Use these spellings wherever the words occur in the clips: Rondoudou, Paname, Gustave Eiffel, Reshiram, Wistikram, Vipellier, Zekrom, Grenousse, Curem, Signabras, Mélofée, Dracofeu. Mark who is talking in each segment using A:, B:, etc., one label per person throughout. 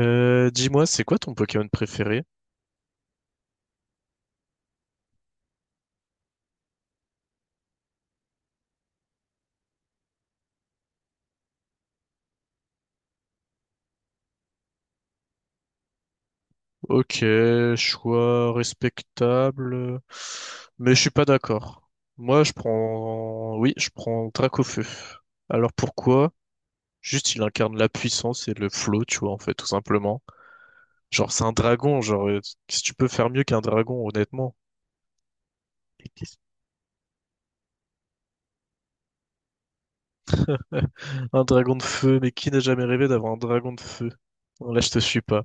A: Dis-moi, c'est quoi ton Pokémon préféré? Ok, choix respectable, mais je suis pas d'accord. Moi, je prends, oui, je prends Dracofeu. Alors pourquoi? Juste, il incarne la puissance et le flow, tu vois, en fait, tout simplement. Genre, c'est un dragon, qu'est-ce que tu peux faire mieux qu'un dragon, honnêtement? Un dragon de feu, mais qui n'a jamais rêvé d'avoir un dragon de feu? Là, je te suis pas.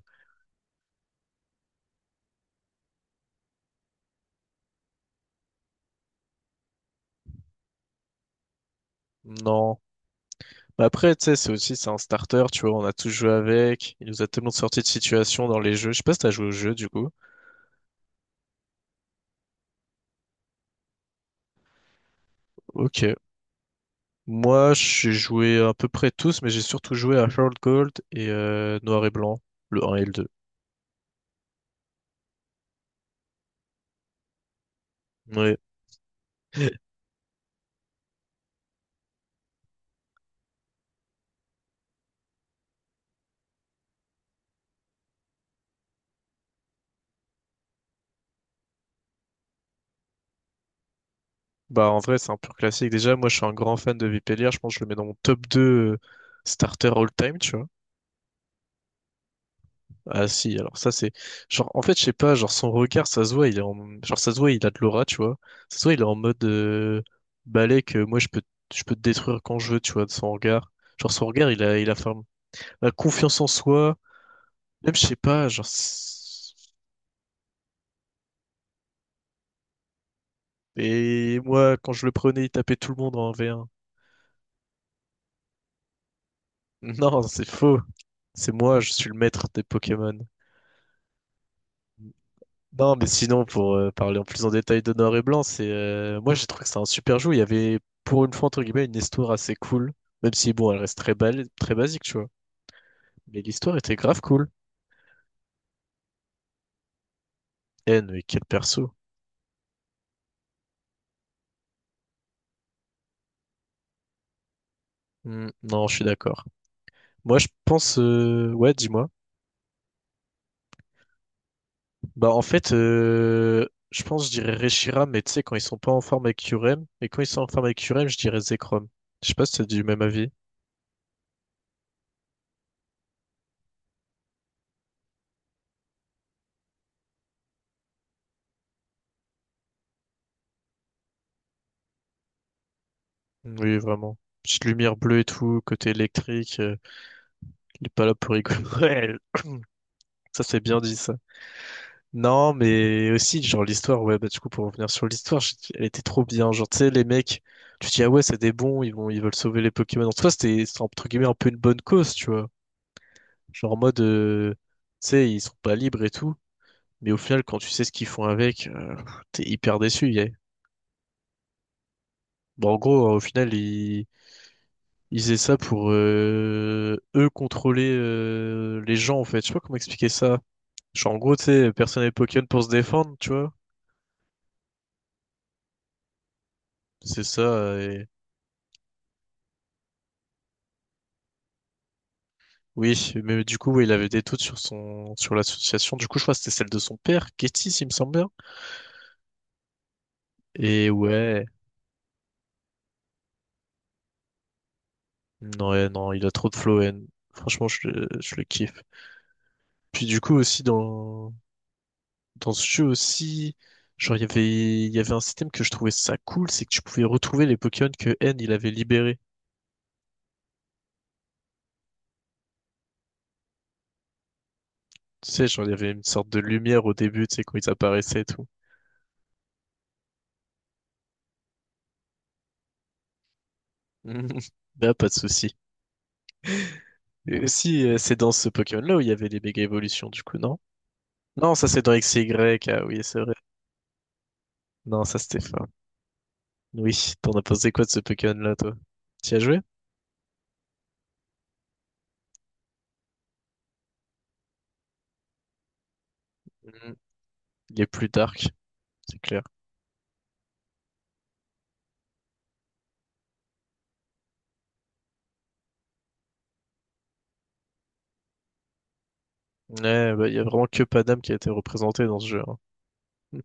A: Non. Mais après, tu sais, c'est aussi, c'est un starter, tu vois, on a tous joué avec. Il nous a tellement sorti de situations dans les jeux. Je sais pas si t'as joué au jeu, du coup. Ok. Moi, j'ai joué à peu près tous, mais j'ai surtout joué à World Gold et Noir et Blanc, le 1 et le 2. Ouais. Bah, en vrai, c'est un pur classique. Déjà, moi, je suis un grand fan de Vipellier. Je pense que je le mets dans mon top 2 euh, starter all-time, tu vois. Ah si, alors ça c'est genre en fait je sais pas, genre son regard ça se voit, il est en. Genre ça se voit, il a de l'aura, tu vois. Ça se voit, il est en mode balai que moi je peux te détruire quand je veux, tu vois, de son regard. Genre son regard, il a la confiance en soi, même je sais pas, et moi quand je le prenais, il tapait tout le monde en V1. Non, c'est faux. C'est moi, je suis le maître des Pokémon. Non, mais sinon, pour parler en plus en détail de Noir et Blanc, c'est moi j'ai trouvé que c'était un super jeu. Il y avait pour une fois entre guillemets une histoire assez cool, même si bon, elle reste très belle, très basique, tu vois. Mais l'histoire était grave cool. N mais quel perso. Hmm, non, je suis d'accord. Moi, je pense, ouais, dis-moi. Bah en fait, je pense je dirais Reshiram, mais tu sais, quand ils sont pas en forme avec Curem, et quand ils sont en forme avec Curem, je dirais Zekrom. Je sais pas si t'as du même avis. Oui, vraiment. Petite lumière bleue et tout, côté électrique, il est pas là pour rigoler. Ouais, ça c'est bien dit ça. Non, mais aussi, genre, l'histoire, ouais, bah, du coup, pour revenir sur l'histoire, elle était trop bien. Genre, tu sais, les mecs, tu te dis, ah ouais, c'est des bons, ils veulent sauver les Pokémon. En tout cas, c'était, entre guillemets, un peu une bonne cause, tu vois. Genre, en mode, euh, tu sais, ils sont pas libres et tout. Mais au final, quand tu sais ce qu'ils font avec, t'es hyper déçu, yeah. Bon, en gros, au final, ils faisaient ça pour, eux contrôler, les gens, en fait. Je sais pas comment expliquer ça. Genre, en gros, tu sais, personne n'avait Pokémon pour se défendre, tu vois. C'est ça. Oui, mais du coup, oui, il avait des doutes sur sur l'association. Du coup, je crois que c'était celle de son père, Getty, s'il me semble bien. Et ouais, non, ouais, non, il a trop de flow, N. Franchement, je le kiffe. Puis du coup, dans ce jeu aussi, genre, il y avait un système que je trouvais ça cool, c'est que tu pouvais retrouver les Pokémon que N, il avait libérés. Tu sais, genre, il y avait une sorte de lumière au début, tu sais, quand ils apparaissaient et tout. Bah pas de souci. Et aussi, c'est dans ce Pokémon-là où il y avait les méga évolutions, du coup, non? Non, ça c'est dans X Y, ah oui, c'est vrai. Non, ça c'était fort. Oui, t'en as pensé quoi de ce Pokémon-là, toi? T'y as joué? Mhm. Il est plus dark, c'est clair. Ouais, bah, il y a vraiment que Paname qui a été représenté dans ce jeu, hein.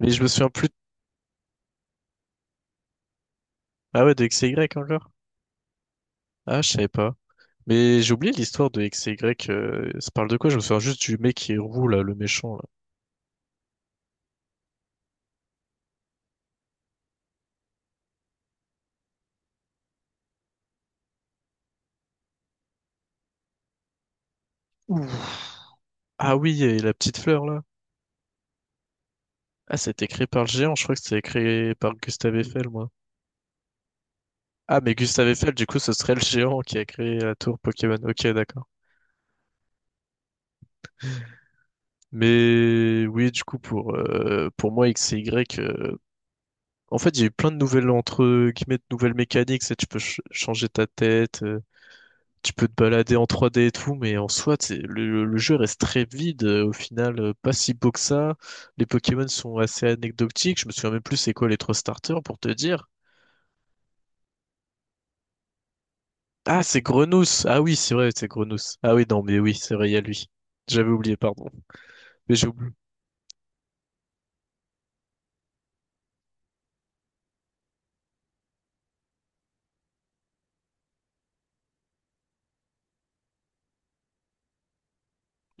A: Mais je me souviens plus. Ah ouais, de X Y encore? Ah, je savais pas. Mais j'ai oublié l'histoire de XY. Ça parle de quoi? Je me souviens juste du mec qui est roux, là, le méchant, là. Ouh. Ah oui, et la petite fleur, là. Ah, c'était créé par le géant. Je crois que c'était créé par Gustave Eiffel, moi. Ah, mais Gustave Eiffel, du coup, ce serait le géant qui a créé la tour Pokémon. Ok, d'accord. Mais oui, du coup, pour moi, X et Y, en fait, il y a eu plein de nouvelles, entre guillemets, de nouvelles mécaniques. C'est Tu peux changer ta tête, tu peux te balader en 3D et tout, mais en soi, t'sais, le jeu reste très vide au final, pas si beau que ça. Les Pokémon sont assez anecdotiques. Je me souviens même plus c'est quoi les trois starters pour te dire. Ah, c'est Grenousse. Ah oui, c'est vrai, c'est Grenousse. Ah oui, non, mais oui, c'est vrai, il y a lui. J'avais oublié, pardon. Mais j'ai oublié.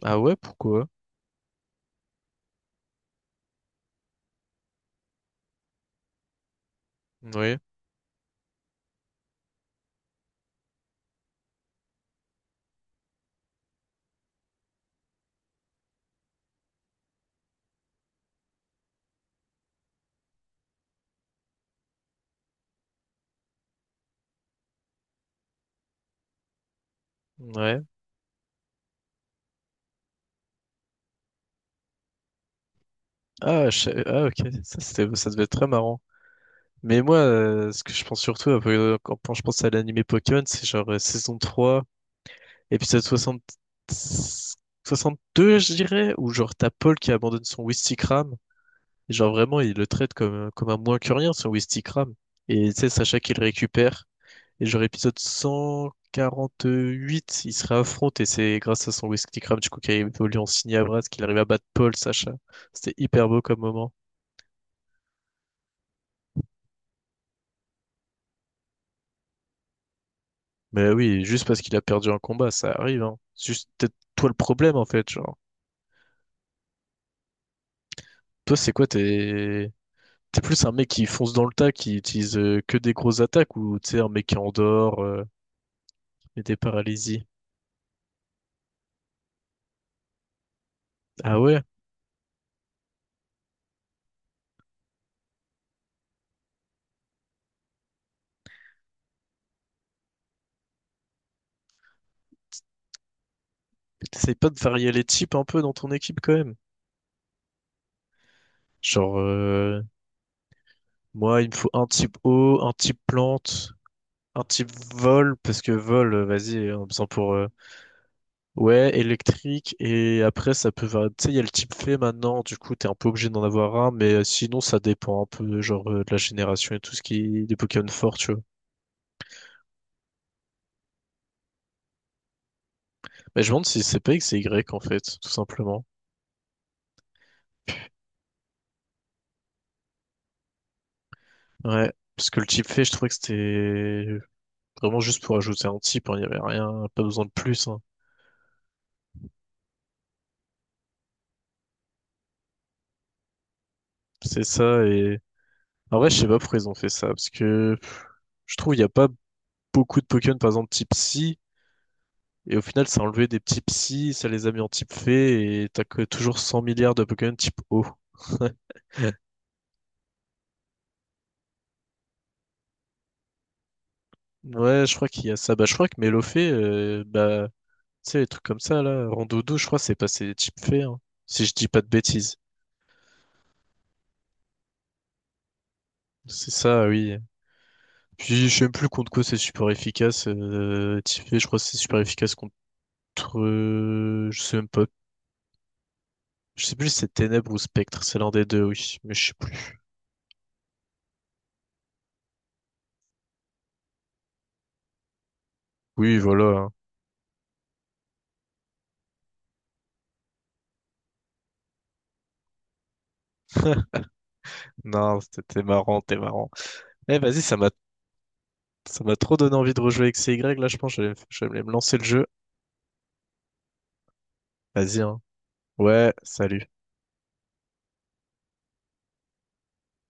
A: Ah ouais, pourquoi? Oui, ouais. Ah, ah ok, ça, ça devait être très marrant. Mais moi, ce que je pense surtout un peu, quand je pense à l'animé Pokémon, c'est genre saison 3, épisode soixante deux je dirais, où genre t'as Paul qui abandonne son Wistikram. Et genre vraiment, il le traite comme un moins que rien, son Wistikram. Et tu sais, Sacha qui le récupère. Et genre épisode 148 il se réaffronte et c'est grâce à son whisky crab du coup qui a évolué en Signabras qu'il arrive à battre Paul, Sacha. C'était hyper beau comme moment. Mais oui, juste parce qu'il a perdu un combat, ça arrive, hein. C'est juste peut-être toi le problème en fait, genre. Toi c'est quoi, t'es… T'es plus un mec qui fonce dans le tas, qui utilise que des grosses attaques, ou tu sais, un mec qui endort, et des paralysies. Ah ouais? T'essayes pas de varier les types un peu dans ton équipe quand même. Genre, euh, moi, il me faut un type eau, un type plante, un type vol, parce que vol, vas-y, en besoin pour… ouais, électrique, et après, ça peut… tu sais, il y a le type fait maintenant, du coup, t'es un peu obligé d'en avoir un, mais sinon, ça dépend un peu, de la génération et tout ce qui est des Pokémon forts, tu vois. Mais je me demande si c'est pas X et Y, en fait, tout simplement. Ouais, parce que le type fait, je trouvais que c'était vraiment juste pour ajouter un type, hein, il y avait rien, pas besoin de plus, hein. C'est ça, et… En vrai, je sais pas pourquoi ils ont fait ça, parce que je trouve il y a pas beaucoup de Pokémon, par exemple, type psy. Et au final, ça a enlevé des petits psys, ça les a mis en type fée, et t'as que toujours 100 milliards de Pokémon type O. Ouais, je crois qu'il y a ça. Bah, je crois que Mélofée, tu sais, les trucs comme ça, là, Rondoudou, je crois, c'est passé type fée, hein, si je dis pas de bêtises. C'est ça, oui. Puis, je sais même plus contre quoi c'est super efficace. Type fée, je crois que c'est super efficace contre, je sais même pas. Je sais plus si c'est Ténèbres ou Spectre, c'est l'un des deux, oui, mais je sais plus. Oui, voilà, hein. Non, c'était marrant, t'es marrant. Eh, vas-y, ça m'a trop donné envie de rejouer avec C Y. Là, je pense que je vais me lancer le jeu. Vas-y, hein. Ouais, salut.